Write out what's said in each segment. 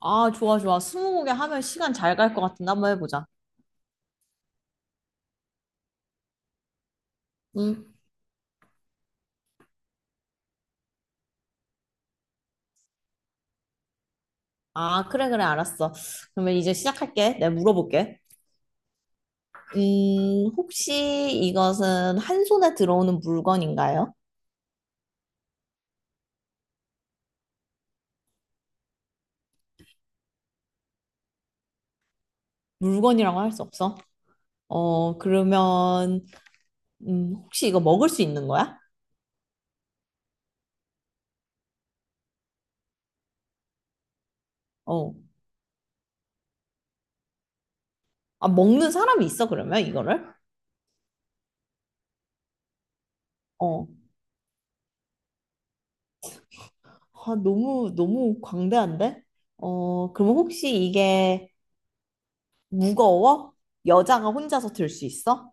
아, 좋아, 좋아. 스무고개 하면 시간 잘 갈 것 같은데 한번 해보자. 응? 아, 그래, 그래, 알았어. 그러면 이제 시작할게. 내가 물어볼게. 혹시 이것은 한 손에 들어오는 물건인가요? 물건이라고 할 수 없어? 어, 그러면, 혹시 이거 먹을 수 있는 거야? 어. 아, 먹는 사람이 있어, 그러면 이거를? 어. 아, 너무, 너무 광대한데? 어, 그럼 혹시 이게 무거워? 여자가 혼자서 들 수 있어?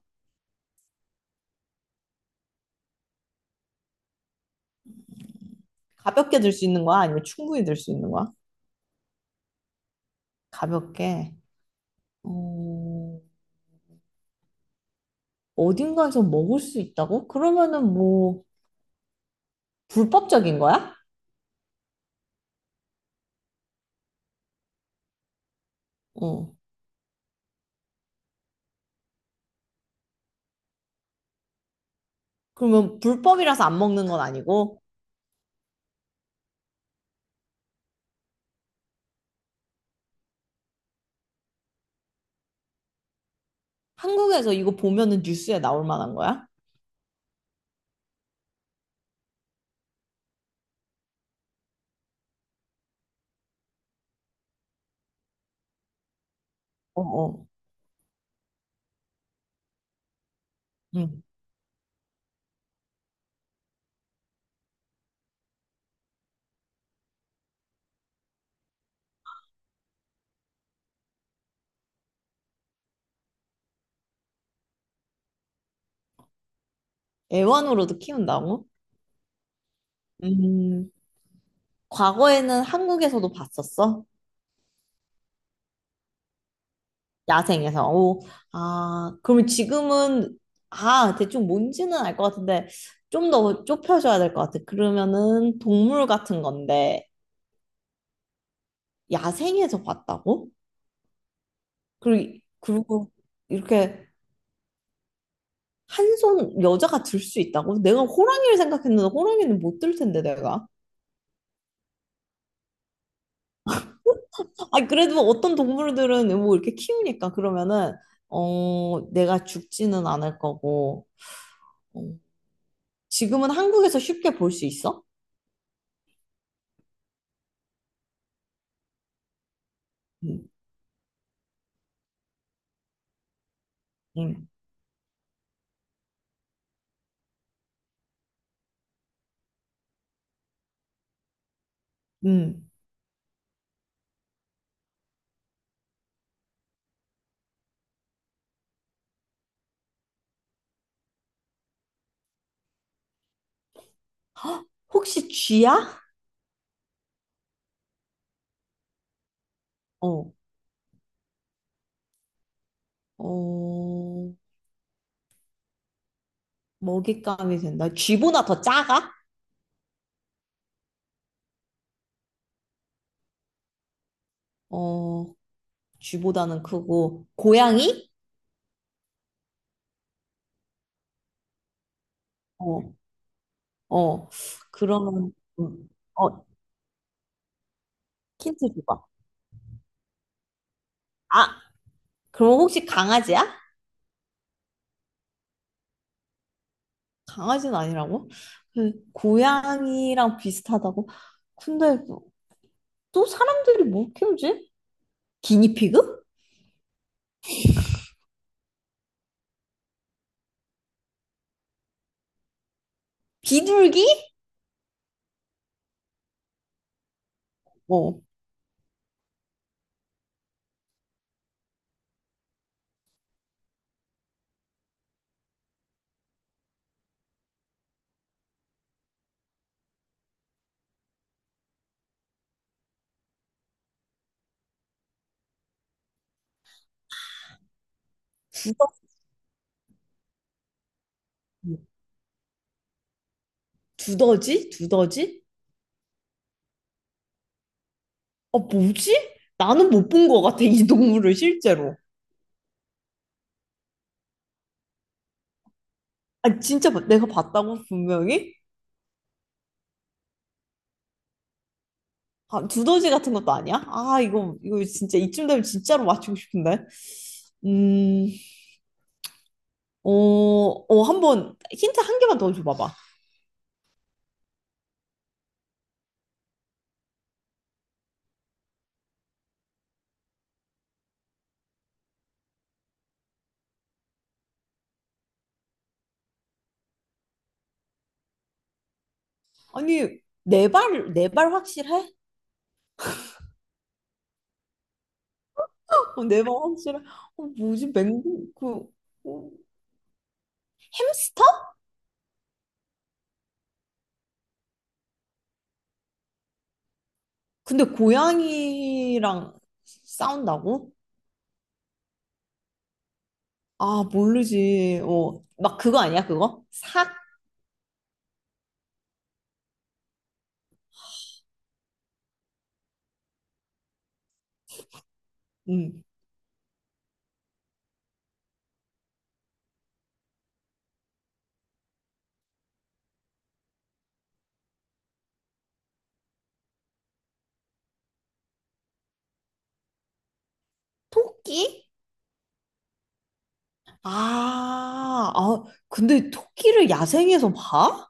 가볍게 들 수 있는 거야? 아니면 충분히 들 수 있는 거야? 가볍게. 어, 어딘가에서 먹을 수 있다고? 그러면은 뭐, 불법적인 거야? 어. 그러면 불법이라서 안 먹는 건 아니고, 한국에서 이거 보면은 뉴스에 나올 만한 거야? 어, 어. 응. 애완으로도 키운다고? 음, 과거에는 한국에서도 봤었어? 야생에서. 오, 아, 그러면 지금은, 아, 대충 뭔지는 알 것 같은데, 좀 더 좁혀줘야 될 것 같아. 그러면은 동물 같은 건데, 야생에서 봤다고? 그리고, 그리고 이렇게 한 손 여자가 들 수 있다고? 내가 호랑이를 생각했는데, 호랑이는 못 들 텐데, 내가. 아니, 그래도 어떤 동물들은 뭐 이렇게 키우니까, 그러면은, 어, 내가 죽지는 않을 거고, 어, 지금은 한국에서 쉽게 볼 수 있어? 음, 음, 음. 혹시 쥐야? 어, 어, 먹잇감이 된다. 쥐보다 더 작아? 어, 쥐보다는 크고, 고양이? 어, 어, 그러면, 음, 어, 힌트 줘봐. 아, 그럼 혹시 강아지야? 강아지는 아니라고? 그 고양이랑 비슷하다고? 근데 또 사람들이 뭐 키우지? 기니피그? 비둘기? 어, 두더지? 두더지? 두더지? 아, 뭐지? 나는 못 본 것 같아, 이 동물을 실제로. 아, 내가 봤다고, 분명히? 아, 두더지 같은 것도 아니야? 아, 이거, 이거 진짜, 이쯤 되면 진짜로 맞추고 싶은데. 음, 어, 어, 한번, 힌트 한 개만 더 줘봐봐. 아니, 네 발 확실해? 어, 내 발 확실해? 어, 뭐지, 맹구, 그, 어, 햄스터? 근데 고양이랑 싸운다고? 아, 모르지. 어, 막 그거 아니야, 그거? 삭? 음. 토끼? 아, 아, 근데 토끼를 야생에서 봐?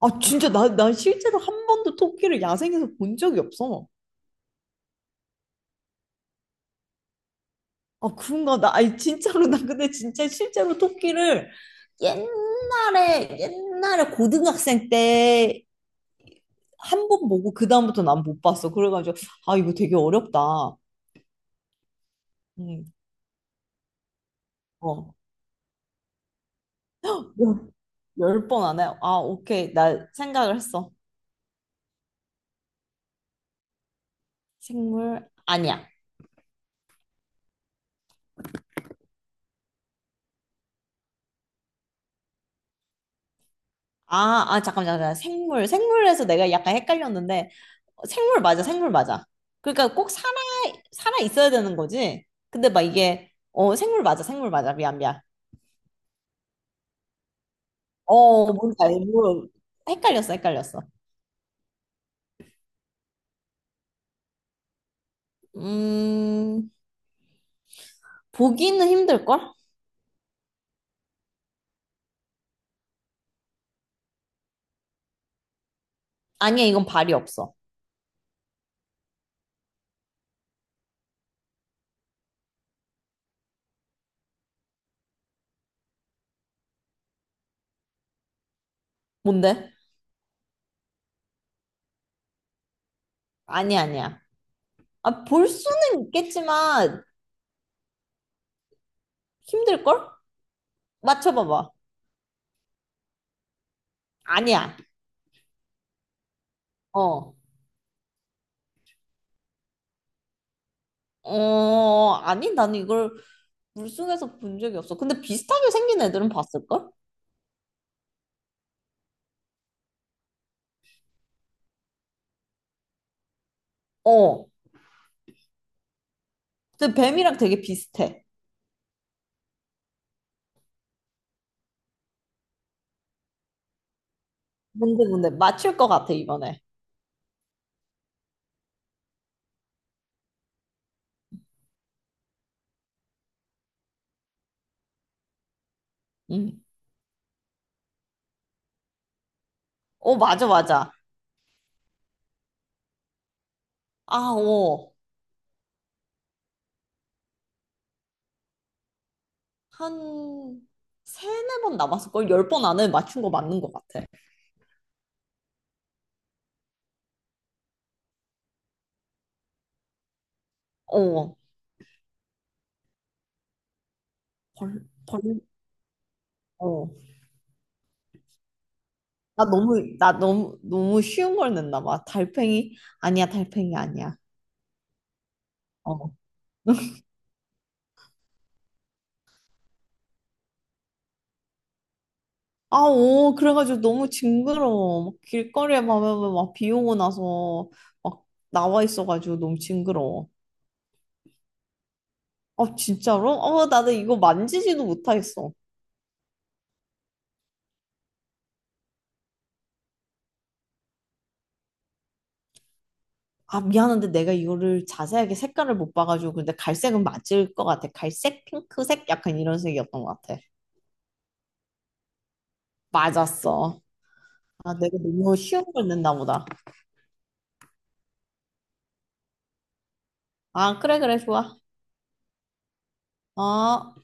아, 진짜 나, 나 실제로 한 번도 토끼를 야생에서 본 적이 없어. 아, 그런가? 나, 아니, 진짜로, 나 근데 진짜 실제로 토끼를 옛날에, 옛날에 고등학생 때 한 번 보고 그다음부터 난 못 봤어. 그래가지고, 아, 이거 되게 어렵다. 응, 어. 열 번 안 해. 아, 오케이. 나 생각을 했어. 생물 아니야. 아, 아, 잠깐만, 잠깐만. 생물. 생물에서 내가 약간 헷갈렸는데, 어, 생물 맞아, 생물 맞아. 그러니까 꼭 살아, 살아 있어야 되는 거지? 근데 막 이게, 어, 생물 맞아, 생물 맞아. 미안, 미안. 어, 뭔지 알고. 헷갈렸어, 헷갈렸어. 음, 보기는 힘들걸? 아니야, 이건 발이 없어. 뭔데? 아니야, 아니야. 아, 볼 수는 있겠지만, 힘들걸? 맞춰봐봐. 아니야. 어. 어, 아니, 나는 이걸 물속에서 본 적이 없어. 근데 비슷하게 생긴 애들은 봤을걸? 어. 근데 뱀이랑 되게 비슷해. 뭔데, 뭔데. 맞출 것 같아, 이번에. 응. 어, 맞아, 맞아. 아, 어. 한, 세네 번 남았을걸? 열 번 안에 맞춘 거 맞는 것 같아. 어. 벌, 벌, 어. 나 너무, 나 너무, 너무 쉬운 걸 냈나 봐. 달팽이? 아니야, 달팽이 아니야. 어. 아, 오, 그래가지고 너무 징그러워. 막 길거리에 가면 막 비 오고 나서 막 나와 있어가지고 너무 징그러워. 아, 진짜로? 어, 나는 이거 만지지도 못하겠어. 아, 미안한데 내가 이거를 자세하게 색깔을 못 봐가지고. 근데 갈색은 맞을 것 같아. 갈색, 핑크색? 약간 이런 색이었던 것 같아. 맞았어. 아, 내가 너무 쉬운 걸 냈나 보다. 아, 그래, 그래, 좋아. 어.